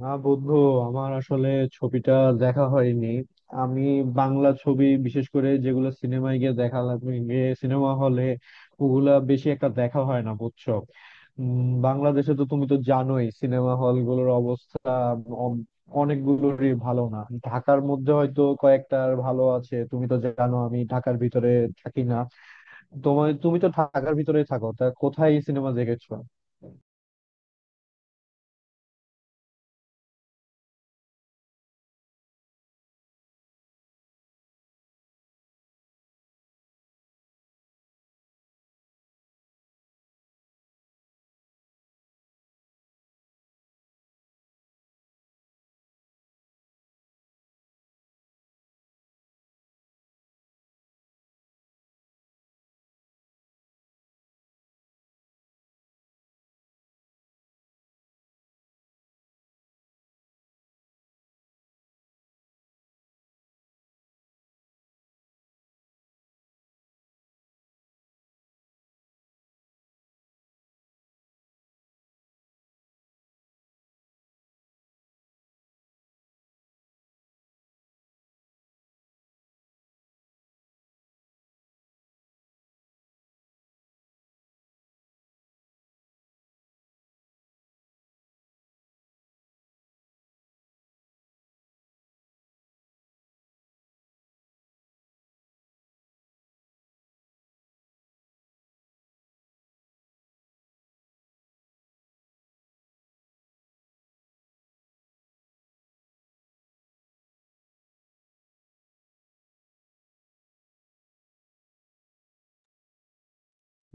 না বন্ধু, আমার আসলে ছবিটা দেখা হয়নি। আমি বাংলা ছবি বিশেষ করে যেগুলো সিনেমায় গিয়ে দেখা লাগে, গিয়ে সিনেমা হলে, ওগুলা বেশি একটা দেখা হয় না বুঝছো। বাংলাদেশে তো তুমি তো জানোই সিনেমা হল গুলোর অবস্থা অন- অনেকগুলোরই ভালো না। ঢাকার মধ্যে হয়তো কয়েকটার ভালো আছে, তুমি তো জানো আমি ঢাকার ভিতরে থাকি না। তোমার তুমি তো ঢাকার ভিতরেই থাকো, তা কোথায় সিনেমা দেখেছো?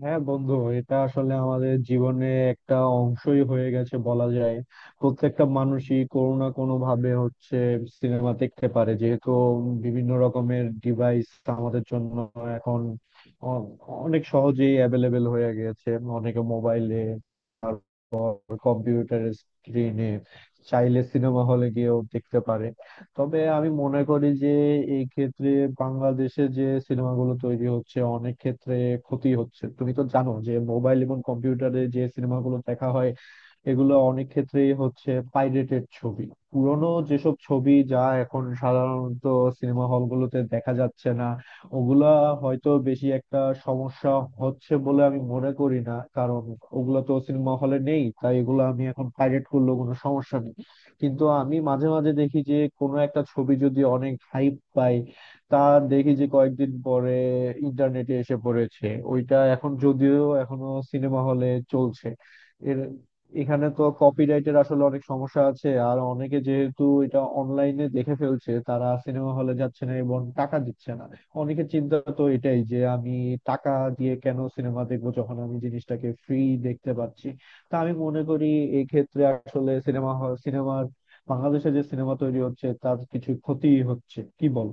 হ্যাঁ বন্ধু, এটা আসলে আমাদের জীবনে একটা অংশই হয়ে গেছে বলা যায়। প্রত্যেকটা মানুষই কোনো না কোনো ভাবে হচ্ছে সিনেমা দেখতে পারে, যেহেতু বিভিন্ন রকমের ডিভাইস আমাদের জন্য এখন অ- অনেক সহজেই অ্যাভেলেবেল হয়ে গেছে। অনেকে মোবাইলে, তারপর কম্পিউটার স্ক্রিনে, চাইলে সিনেমা হলে গিয়েও দেখতে পারে। তবে আমি মনে করি যে এই ক্ষেত্রে বাংলাদেশে যে সিনেমাগুলো তৈরি হচ্ছে অনেক ক্ষেত্রে ক্ষতি হচ্ছে। তুমি তো জানো যে মোবাইল এবং কম্পিউটারে যে সিনেমাগুলো দেখা হয় এগুলো অনেক ক্ষেত্রেই হচ্ছে পাইরেটেড ছবি। পুরনো যেসব ছবি যা এখন সাধারণত সিনেমা হলগুলোতে দেখা যাচ্ছে না, ওগুলা হয়তো বেশি একটা সমস্যা হচ্ছে বলে আমি মনে করি না, কারণ ওগুলো তো সিনেমা হলে নেই, তাই এগুলো আমি এখন পাইরেট করলেও কোনো সমস্যা নেই। কিন্তু আমি মাঝে মাঝে দেখি যে কোনো একটা ছবি যদি অনেক হাইপ পায়, তা দেখি যে কয়েকদিন পরে ইন্টারনেটে এসে পড়েছে, ওইটা এখন যদিও এখনো সিনেমা হলে চলছে। এর এখানে তো কপিরাইটের আসলে অনেক সমস্যা আছে, আর অনেকে যেহেতু এটা অনলাইনে দেখে ফেলছে, তারা সিনেমা হলে যাচ্ছে না এবং টাকা দিচ্ছে না। অনেকে চিন্তা তো এটাই যে আমি টাকা দিয়ে কেন সিনেমা দেখবো যখন আমি জিনিসটাকে ফ্রি দেখতে পাচ্ছি। তা আমি মনে করি এই ক্ষেত্রে আসলে সিনেমা, সিনেমার, বাংলাদেশে যে সিনেমা তৈরি হচ্ছে তার কিছু ক্ষতি হচ্ছে, কি বল?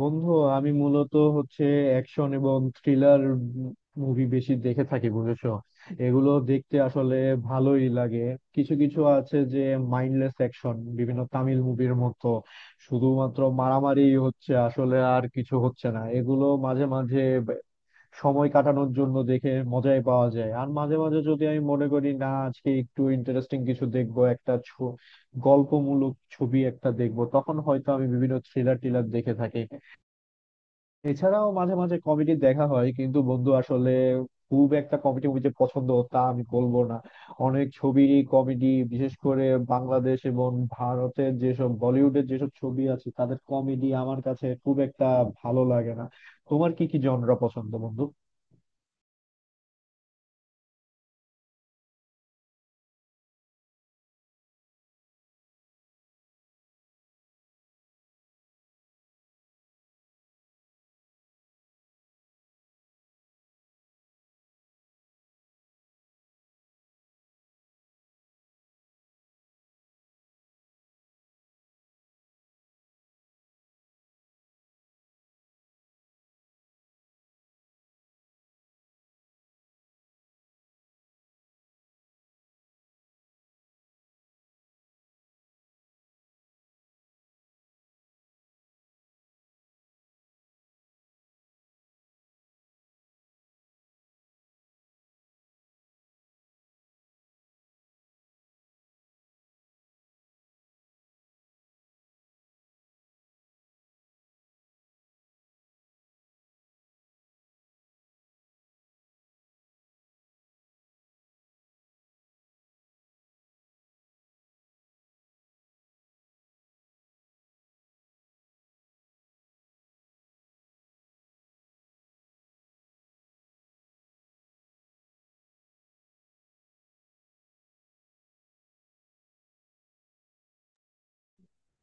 বন্ধু, আমি মূলত হচ্ছে অ্যাকশন এবং থ্রিলার মুভি বেশি দেখে থাকি বুঝেছো। এগুলো দেখতে আসলে ভালোই লাগে। কিছু কিছু আছে যে মাইন্ডলেস অ্যাকশন, বিভিন্ন তামিল মুভির মতো, শুধুমাত্র মারামারি হচ্ছে আসলে আর কিছু হচ্ছে না, এগুলো মাঝে মাঝে ব- সময় কাটানোর জন্য দেখে মজাই পাওয়া যায়। আর মাঝে মাঝে যদি আমি মনে করি না আজকে একটু ইন্টারেস্টিং কিছু দেখবো, একটা গল্পমূলক ছবি একটা দেখবো, তখন হয়তো আমি বিভিন্ন থ্রিলার টিলার দেখে থাকি। এছাড়াও মাঝে মাঝে কমেডি দেখা হয়, কিন্তু বন্ধু আসলে খুব একটা কমেডি মুভি যে পছন্দ তা আমি বলবো না। অনেক ছবি কমেডি বিশেষ করে বাংলাদেশ এবং ভারতের যেসব বলিউডের যেসব ছবি আছে তাদের কমেডি আমার কাছে খুব একটা ভালো লাগে না। তোমার কি কি জনরা পছন্দ বন্ধু?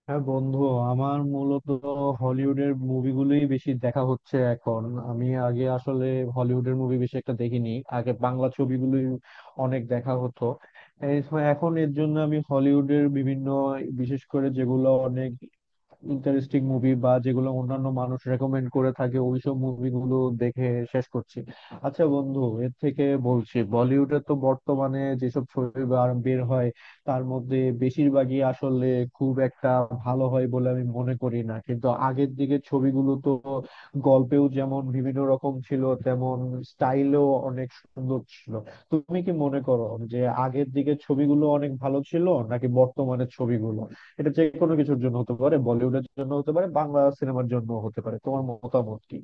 হ্যাঁ বন্ধু, আমার মূলত হলিউডের মুভিগুলোই বেশি দেখা হচ্ছে এখন। আমি আগে আসলে হলিউডের মুভি বেশি একটা দেখিনি, আগে বাংলা ছবিগুলোই অনেক দেখা হতো। এখন এর জন্য আমি হলিউডের বিভিন্ন, বিশেষ করে যেগুলো অনেক ইন্টারেস্টিং মুভি বা যেগুলো অন্যান্য মানুষ রেকমেন্ড করে থাকে ওইসব মুভিগুলো দেখে শেষ করছি। আচ্ছা বন্ধু, এর থেকে বলছি, বলিউডে তো বর্তমানে যেসব ছবি বের হয়, তার মধ্যে বেশিরভাগই আসলে খুব একটা ভালো হয় বলে আমি মনে করি না, কিন্তু আগের দিকের ছবিগুলো তো গল্পেও যেমন বিভিন্ন রকম ছিল, তেমন স্টাইলও অনেক সুন্দর ছিল। তুমি কি মনে করো যে আগের দিকের ছবিগুলো অনেক ভালো ছিল নাকি বর্তমানের ছবিগুলো? এটা যে কোনো কিছুর জন্য হতে পারে, বলিউডের জন্য হতে পারে, বাংলা সিনেমার জন্য হতে পারে, তোমার মতামত কি?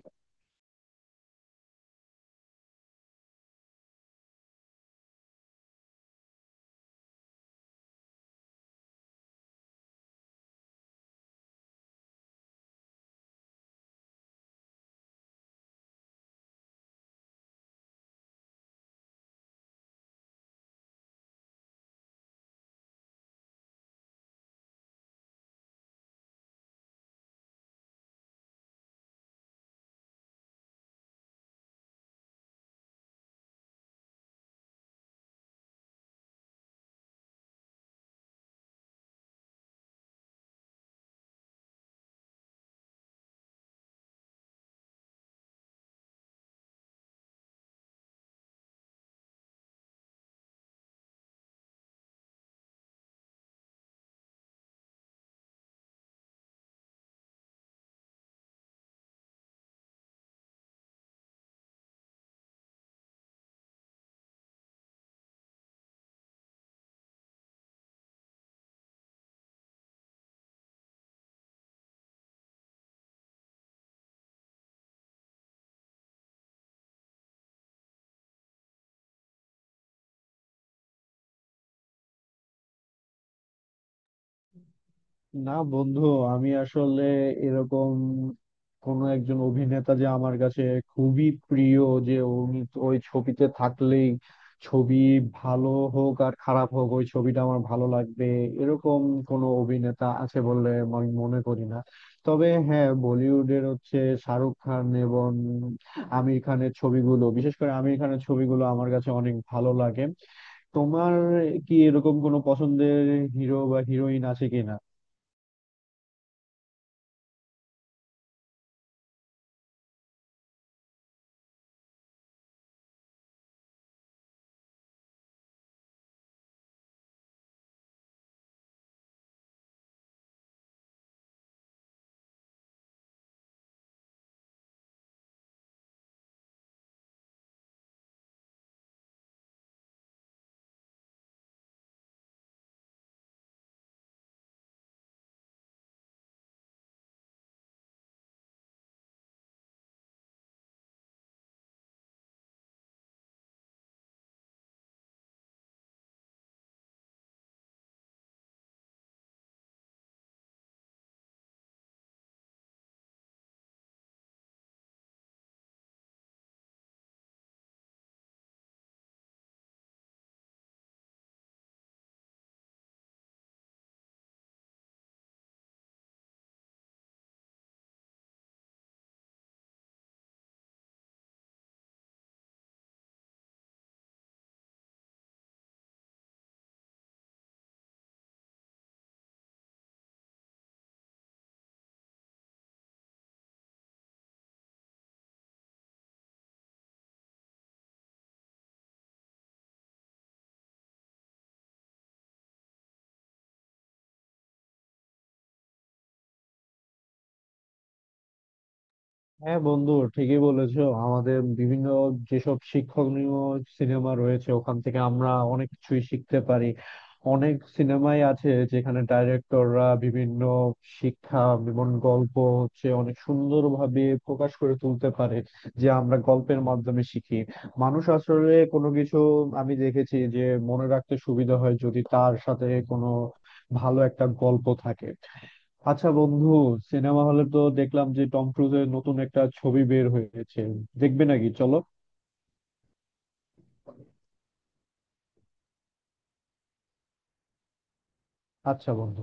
না বন্ধু, আমি আসলে এরকম কোন একজন অভিনেতা যে আমার কাছে খুবই প্রিয়, যে উনি তো ওই ছবিতে থাকলেই ছবি ভালো হোক আর খারাপ হোক ওই ছবিটা আমার ভালো লাগবে, এরকম কোনো অভিনেতা আছে বলে আমি মনে করি না। তবে হ্যাঁ, বলিউডের হচ্ছে শাহরুখ খান এবং আমির খানের ছবিগুলো, বিশেষ করে আমির খানের ছবিগুলো আমার কাছে অনেক ভালো লাগে। তোমার কি এরকম কোনো পছন্দের হিরো বা হিরোইন আছে কিনা? হ্যাঁ বন্ধু, ঠিকই বলেছো, আমাদের বিভিন্ন যেসব শিক্ষণীয় সিনেমা রয়েছে ওখান থেকে আমরা অনেক কিছুই শিখতে পারি। অনেক সিনেমাই আছে যেখানে ডাইরেক্টররা বিভিন্ন শিক্ষা এবং গল্প হচ্ছে অনেক সুন্দরভাবে প্রকাশ করে তুলতে পারে। যে আমরা গল্পের মাধ্যমে শিখি, মানুষ আসলে কোনো কিছু, আমি দেখেছি যে মনে রাখতে সুবিধা হয় যদি তার সাথে কোনো ভালো একটা গল্প থাকে। আচ্ছা বন্ধু, সিনেমা হলে তো দেখলাম যে টম ক্রুজের নতুন একটা ছবি বের হয়েছে, দেখবে নাকি চলো? আচ্ছা বন্ধু।